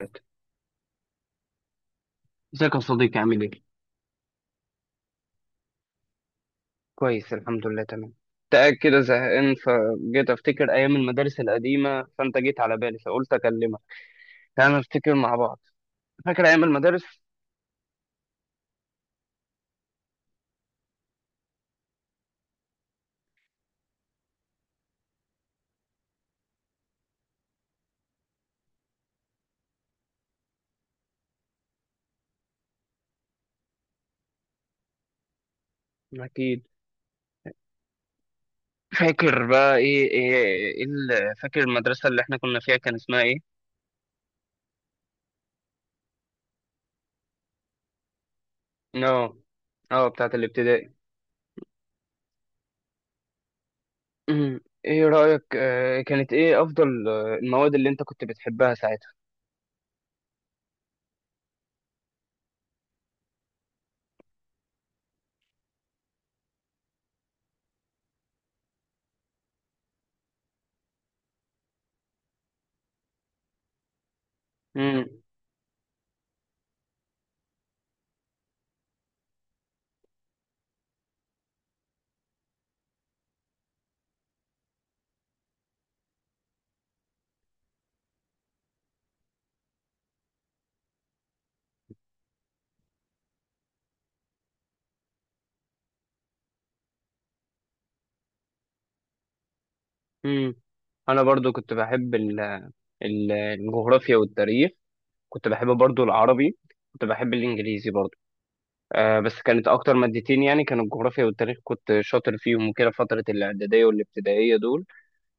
الوقت. ازيك يا صديقي، عامل ايه؟ كويس، الحمد لله، تمام. تأك كده زهقان فجيت أفتكر أيام المدارس القديمة، فأنت جيت على بالي فقلت أكلمك. تعالى نفتكر مع بعض. فاكر أيام المدارس؟ أكيد. فاكر بقى فاكر المدرسة اللي إحنا كنا فيها كان اسمها إيه؟ آه. آه، بتاعت الابتدائي. إيه رأيك؟ كانت إيه أفضل المواد اللي أنت كنت بتحبها ساعتها؟ أمم، أمم. أنا برضو كنت بحب الجغرافيا والتاريخ. كنت بحب برضو العربي. كنت بحب الانجليزي برضو. بس كانت اكتر مادتين، يعني كانوا الجغرافيا والتاريخ، كنت شاطر فيهم، وكده فترة الاعدادية والابتدائية دول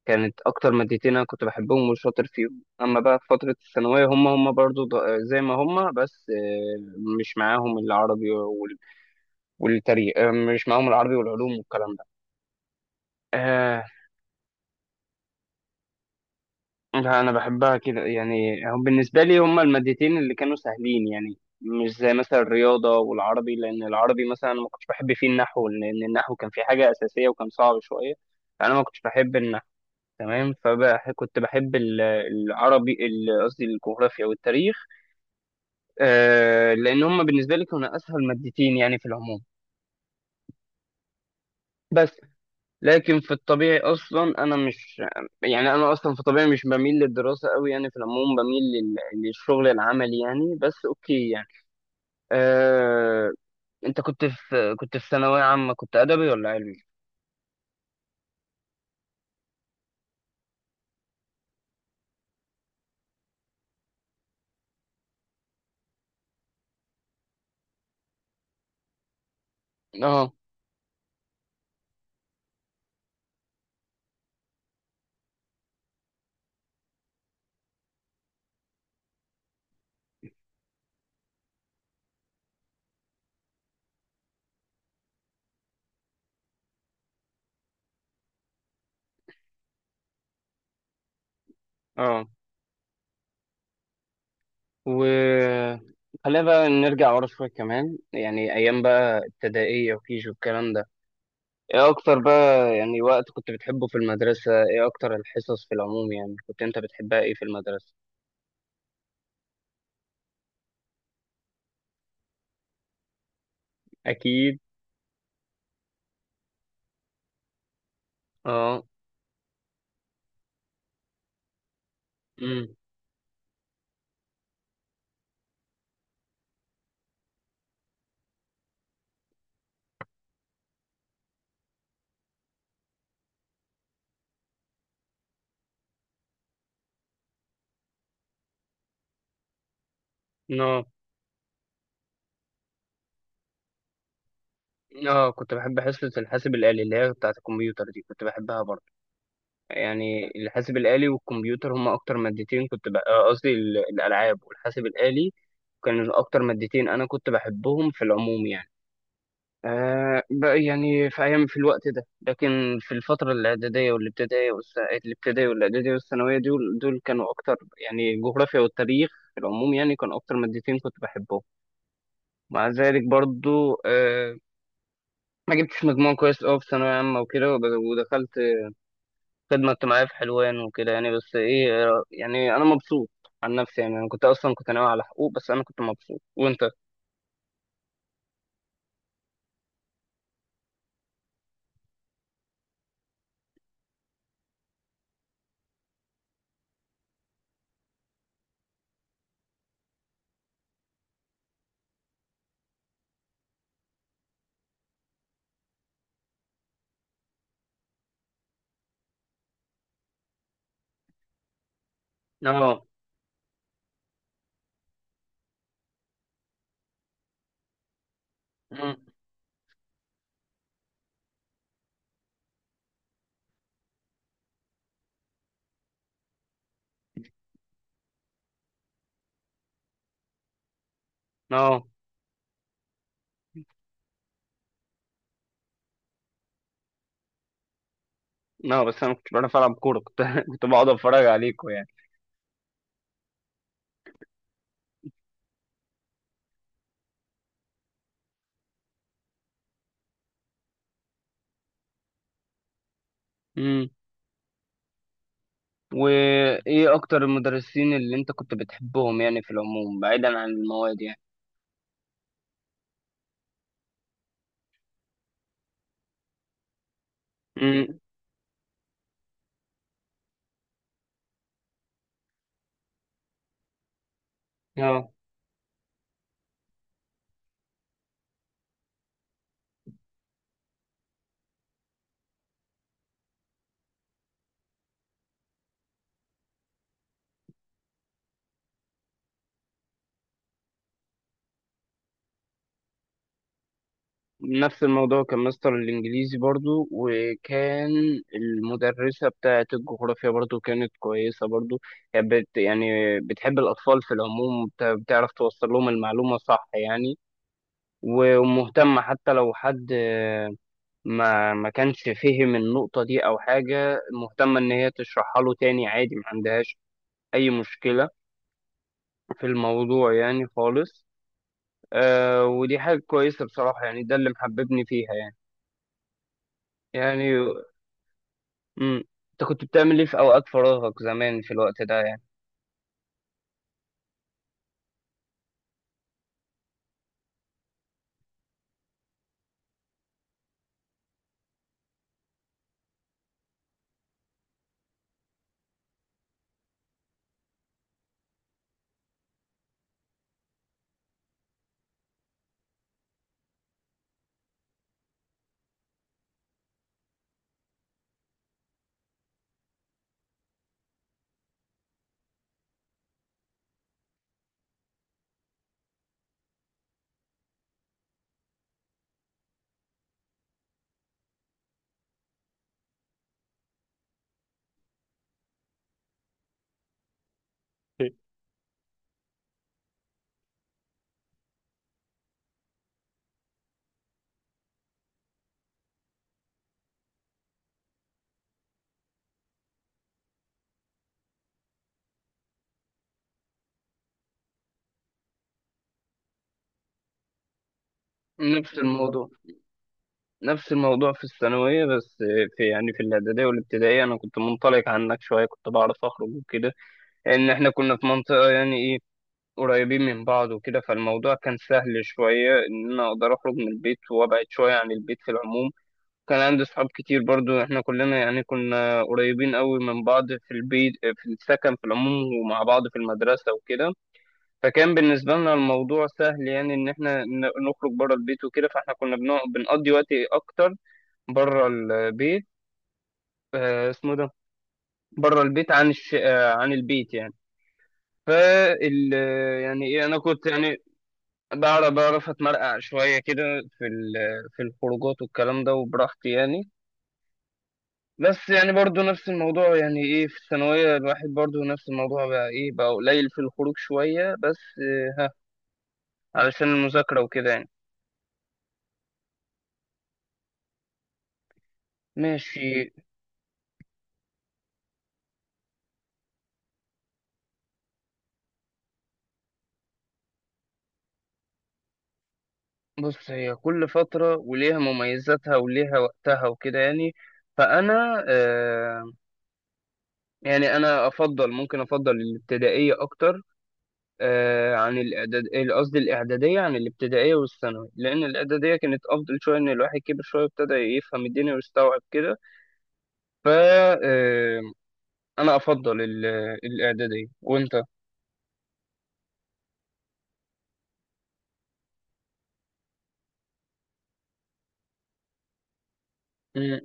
كانت اكتر مادتين انا كنت بحبهم وشاطر فيهم. اما بقى في فترة الثانوية هم برضو زي ما هم، بس مش معاهم العربي والتاريخ. مش معاهم العربي والعلوم والكلام ده. آه. لا، انا بحبها كده، يعني هم بالنسبه لي هم المادتين اللي كانوا سهلين، يعني مش زي مثلا الرياضه والعربي، لان العربي مثلا أنا ما كنتش بحب فيه النحو، لان النحو كان فيه حاجه اساسيه وكان صعب شويه. انا ما كنتش بحب النحو. تمام، فكنت بحب قصدي الجغرافيا والتاريخ. لان هم بالنسبه لي كانوا اسهل مادتين، يعني في العموم. بس. لكن في الطبيعي اصلا انا مش، يعني انا اصلا في طبيعي مش بميل للدراسه قوي، يعني في العموم بميل للشغل العملي، يعني بس اوكي يعني. آه... انت كنت في ثانويه عامه كنت ادبي ولا علمي؟ اه. اه، و خلينا بقى نرجع ورا شويه كمان، يعني ايام بقى ابتدائيه وكيجي والكلام ده. ايه اكتر بقى يعني وقت كنت بتحبه في المدرسه؟ ايه اكتر الحصص في العموم، يعني كنت انت بتحبها ايه في المدرسه؟ اكيد. اه. امم. اه، كنت بحب حصة الحاسب الآلي اللي هي بتاعة الكمبيوتر دي، كنت بحبها برضه. يعني الحاسب الآلي والكمبيوتر هما أكتر مادتين كنت بقى، قصدي الألعاب والحاسب الآلي، كانوا أكتر مادتين أنا كنت بحبهم في العموم يعني. بقى يعني في أيام في الوقت ده، لكن في الفترة الإعدادية والابتدائية الابتدائية والإعدادية والثانوية دول كانوا أكتر، يعني الجغرافيا والتاريخ، في العموم يعني كانوا أكتر مادتين كنت بحبهم. مع ذلك برضو ما جبتش مجموع كويس أوي في ثانوية عامة وكده، ودخلت خدمة اجتماعية في حلوان وكده، يعني بس إيه، يعني أنا مبسوط عن نفسي، يعني أنا كنت أصلا كنت ناوي على حقوق، بس أنا كنت مبسوط. وأنت؟ آه. مم. آه، آه، بس أنا كنت بعرف ألعب كورة، كنت كنت بقعد أتفرج عليكوا يعني. مم. وإيه أكتر المدرسين اللي أنت كنت بتحبهم، يعني في العموم بعيدا عن المواد يعني؟ مم. آه. نفس الموضوع، كان مستر الإنجليزي برضو، وكان المدرسة بتاعة الجغرافيا برضو كانت كويسة برضو، يعني يعني بتحب الأطفال في العموم، بتعرف توصل لهم المعلومة صح يعني، ومهتمة، حتى لو حد ما كانش فهم النقطة دي أو حاجة، مهتمة إن هي تشرحها له تاني عادي، ما عندهاش أي مشكلة في الموضوع يعني خالص. آه، ودي حاجة كويسة بصراحة، يعني ده اللي محببني فيها يعني، يعني. امم. انت كنت بتعمل ايه في اوقات فراغك زمان في الوقت ده يعني؟ نفس الموضوع. نفس الموضوع في الثانوية، بس في الإعدادية والابتدائية أنا كنت منطلق عنك شوية، كنت بعرف أخرج وكده، لأن إحنا كنا في منطقة، يعني إيه، قريبين من بعض وكده، فالموضوع كان سهل شوية إن أنا أقدر أخرج من البيت وأبعد شوية عن البيت في العموم. كان عندي صحاب كتير برضو، إحنا كلنا يعني كنا قريبين قوي من بعض في البيت، في السكن في العموم، ومع بعض في المدرسة وكده. فكان بالنسبة لنا الموضوع سهل، يعني إن إحنا نخرج بره البيت وكده، فإحنا كنا بنقضي وقت أكتر بره البيت. اسمه ده بره البيت عن عن البيت يعني. فال يعني إيه، أنا كنت يعني بعرف أتمرقع شوية كده في ال... في الخروجات والكلام ده وبراحتي يعني. بس يعني برضو نفس الموضوع، يعني إيه، في الثانوية الواحد برضو نفس الموضوع بقى إيه، بقى قليل في الخروج شوية بس ها علشان المذاكرة وكده يعني. ماشي. بص، هي كل فترة وليها مميزاتها وليها وقتها وكده يعني، فأنا يعني أنا أفضل، ممكن أفضل الابتدائية أكتر. عن قصدي الإعدادية، عن الابتدائية والثانوي، لأن الإعدادية كانت أفضل شوية، إن الواحد كبر شوية ابتدى يفهم الدنيا ويستوعب كده. ف آه، أنا أفضل الإعدادية. وأنت؟ مم،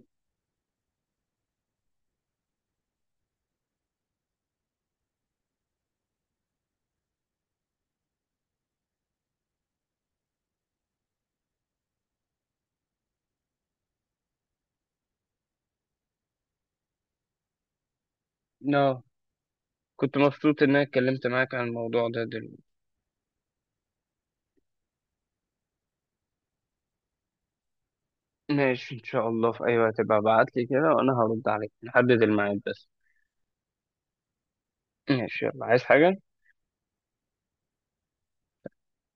لا، كنت مبسوط إن أنا اتكلمت معاك عن الموضوع ده دلوقتي. ماشي، إن شاء الله، في أي وقت بقى ابعتلي كده وأنا هرد عليك، نحدد الميعاد بس. ماشي يلا، عايز حاجة؟